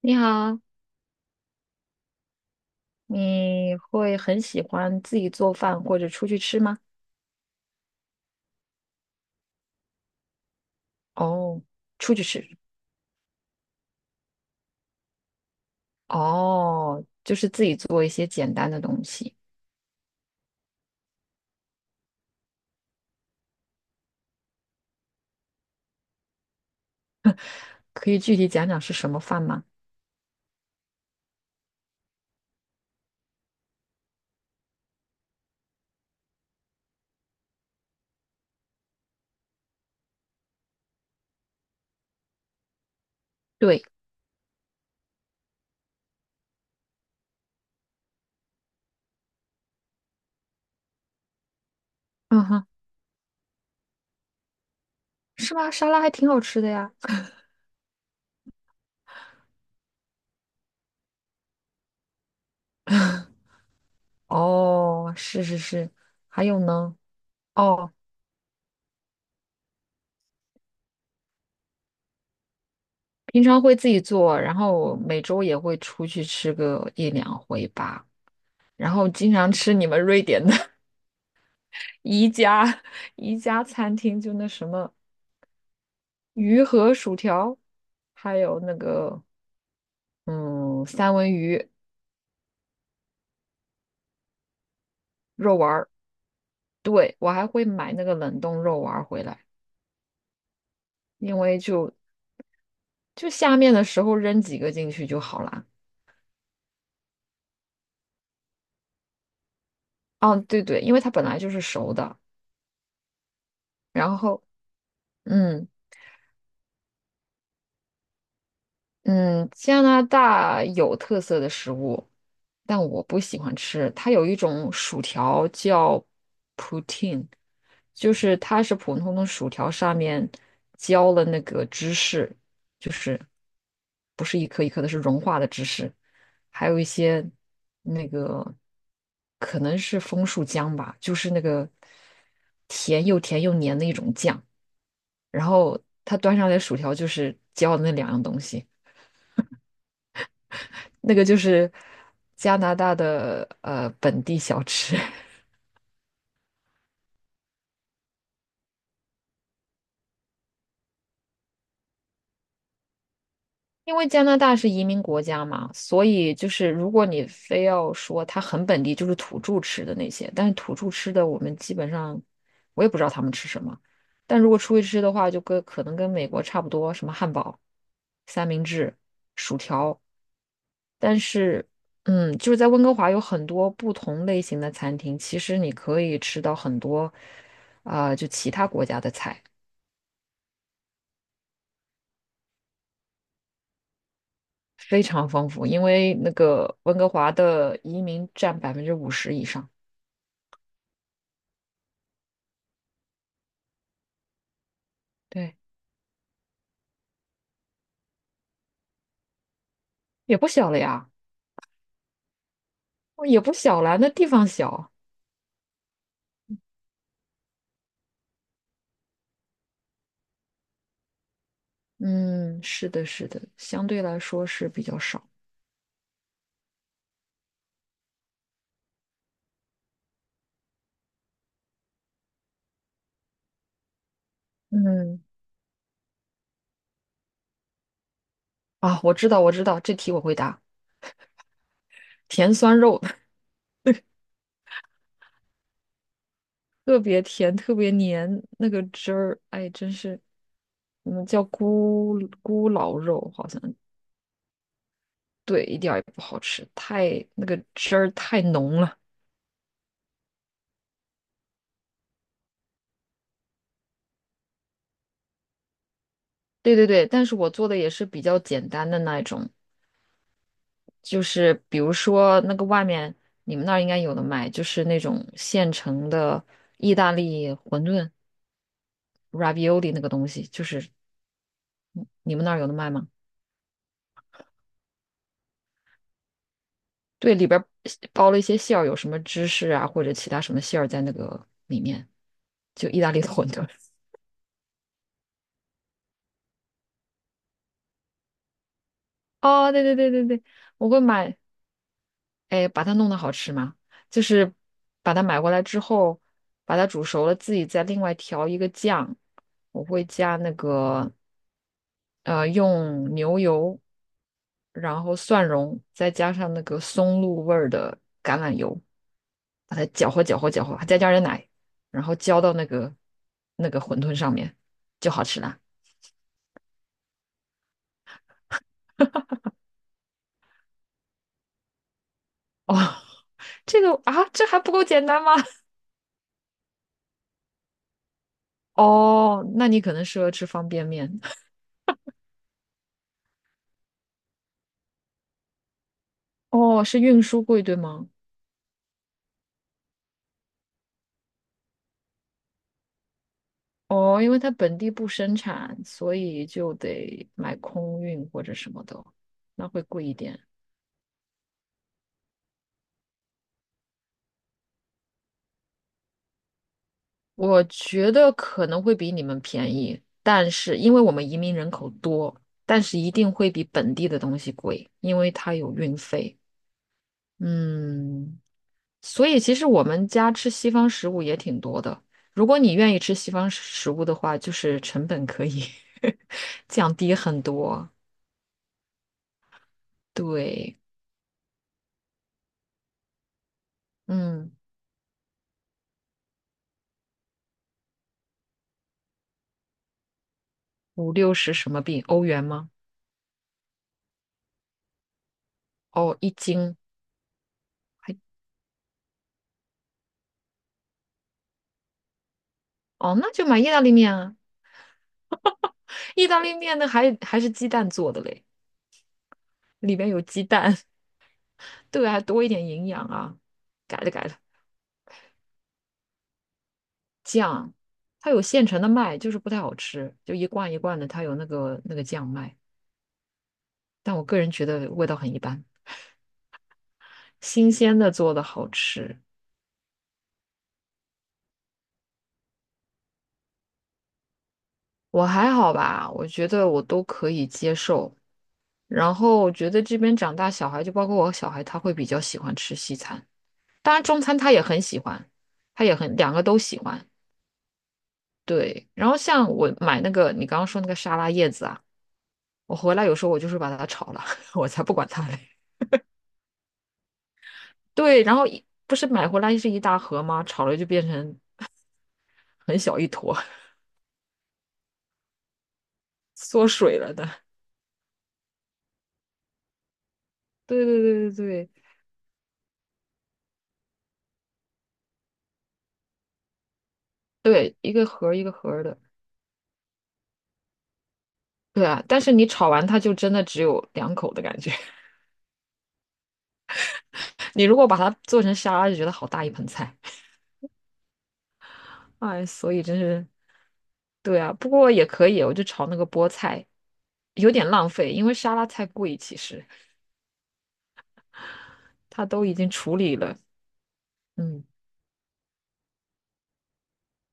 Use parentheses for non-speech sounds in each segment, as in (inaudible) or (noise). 你好，你会很喜欢自己做饭或者出去吃吗？哦，出去吃，哦，就是自己做一些简单的东西，可以具体讲讲是什么饭吗？对，嗯哼，是吗？沙拉还挺好吃的呀。哦，是是是，还有呢？哦，平常会自己做，然后每周也会出去吃个一两回吧，然后经常吃你们瑞典的 (laughs) 宜家宜家餐厅，就那什么。鱼和薯条，还有那个嗯三文鱼肉丸儿。对，我还会买那个冷冻肉丸儿回来，因为就下面的时候扔几个进去就好啦。哦，对对，因为它本来就是熟的，然后嗯。嗯，加拿大有特色的食物，但我不喜欢吃。它有一种薯条叫 poutine 就是它是普通的薯条上面浇了那个芝士，就是不是一颗一颗的，是融化的芝士，还有一些那个可能是枫树浆吧，就是那个甜又甜又黏的一种酱。然后它端上来的薯条就是浇的那两样东西。那个就是加拿大的本地小吃，(laughs) 因为加拿大是移民国家嘛，所以就是如果你非要说它很本地，就是土著吃的那些，但是土著吃的我们基本上我也不知道他们吃什么，但如果出去吃的话，就跟可能跟美国差不多，什么汉堡、三明治、薯条，但是。嗯，就是在温哥华有很多不同类型的餐厅，其实你可以吃到很多，啊、就其他国家的菜。非常丰富，因为那个温哥华的移民占50%以上，对，也不小了呀，哦也不小了，那地方小，嗯，是的，是的，相对来说是比较少，嗯，啊，我知道，我知道，这题我会答，甜酸肉，(laughs) 特别甜，特别黏，那个汁儿，哎，真是，嗯，叫咕咕老肉，好像对，一点儿也不好吃，太那个汁儿太浓了。对对对，但是我做的也是比较简单的那一种，就是比如说那个外面你们那儿应该有的卖，就是那种现成的意大利馄饨 （(ravioli) 那个东西，就是你们那儿有的卖吗？对，里边儿包了一些馅儿，有什么芝士啊或者其他什么馅儿在那个里面，就意大利的馄饨。哦，对对对对对，我会买，哎，把它弄得好吃吗？就是把它买过来之后，把它煮熟了，自己再另外调一个酱。我会加那个用牛油，然后蒜蓉，再加上那个松露味儿的橄榄油，把它搅和搅和搅和，再加点奶，然后浇到那个那个馄饨上面，就好吃啦。哦，(laughs) 这个啊，这还不够简单吗？(laughs) 哦，那你可能适合吃方便面。哦，是运输贵，对吗？哦，因为它本地不生产，所以就得买空运或者什么的，那会贵一点。我觉得可能会比你们便宜，但是因为我们移民人口多，但是一定会比本地的东西贵，因为它有运费。嗯，所以其实我们家吃西方食物也挺多的。如果你愿意吃西方食物的话，就是成本可以 (laughs) 降低很多。对，嗯，五六十什么币？欧元吗？哦，一斤还哦，那就买意大利面啊。意大利面呢还是鸡蛋做的嘞，里边有鸡蛋。对，还多一点营养啊。改了改了，酱，它有现成的卖，就是不太好吃，就一罐一罐的，它有那个那个酱卖，但我个人觉得味道很一般。新鲜的做的好吃，我还好吧，我觉得我都可以接受。然后我觉得这边长大小孩，就包括我小孩，他会比较喜欢吃西餐，当然中餐他也很喜欢，他也很两个都喜欢。对，然后像我买那个你刚刚说那个沙拉叶子啊。我回来有时候我就是把它炒了，(laughs) 我才不管它嘞。对，然后不是买回来是一大盒吗？炒了就变成 (laughs) 很小一坨，(laughs) 缩水了的。对对对对对对，一个盒儿一个盒儿的。对啊，但是你炒完它就真的只有两口的感觉。(laughs) 你如果把它做成沙拉，就觉得好大一盆菜。哎，所以真是对啊，不过也可以，我就炒那个菠菜，有点浪费，因为沙拉菜贵，其实它都已经处理了。嗯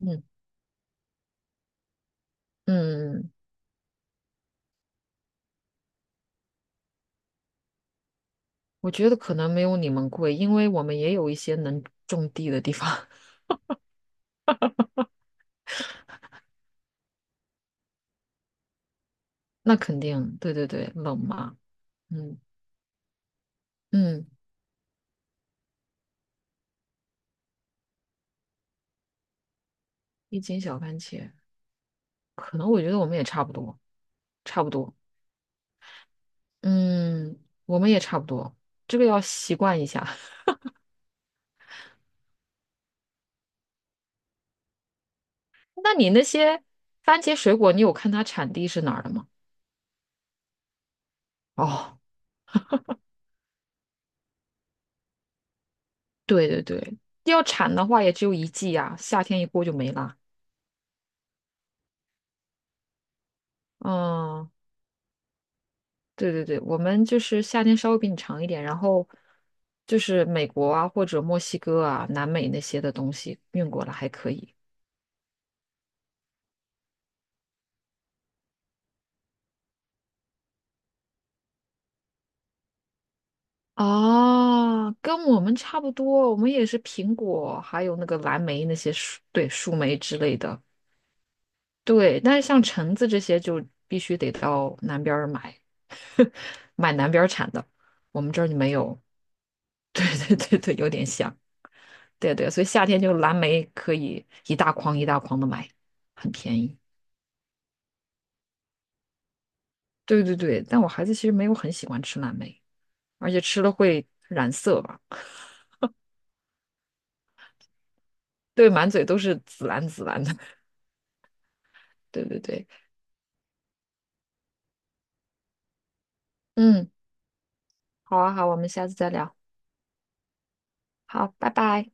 嗯嗯。嗯嗯我觉得可能没有你们贵，因为我们也有一些能种地的地方。(laughs) 那肯定，对对对，冷嘛，嗯嗯，一斤小番茄，可能我觉得我们也差不多，差不多，嗯，我们也差不多，这个要习惯一下。(laughs) 那你那些番茄水果，你有看它产地是哪儿的吗？哦，对对对，要产的话也只有一季呀，夏天一过就没啦。嗯，对对对，我们就是夏天稍微比你长一点，然后就是美国啊或者墨西哥啊、南美那些的东西运过来还可以。啊，跟我们差不多，我们也是苹果，还有那个蓝莓那些树，对，树莓之类的。对，但是像橙子这些就必须得到南边儿买，(laughs) 买南边儿产的，我们这儿就没有。(laughs) 对对对对，有点像。对对，所以夏天就蓝莓可以一大筐一大筐的买，很便宜。对对对，但我孩子其实没有很喜欢吃蓝莓，而且吃了会染色吧？对，满嘴都是紫蓝紫蓝的。(laughs) 对对对，嗯，好啊好，我们下次再聊。好，拜拜。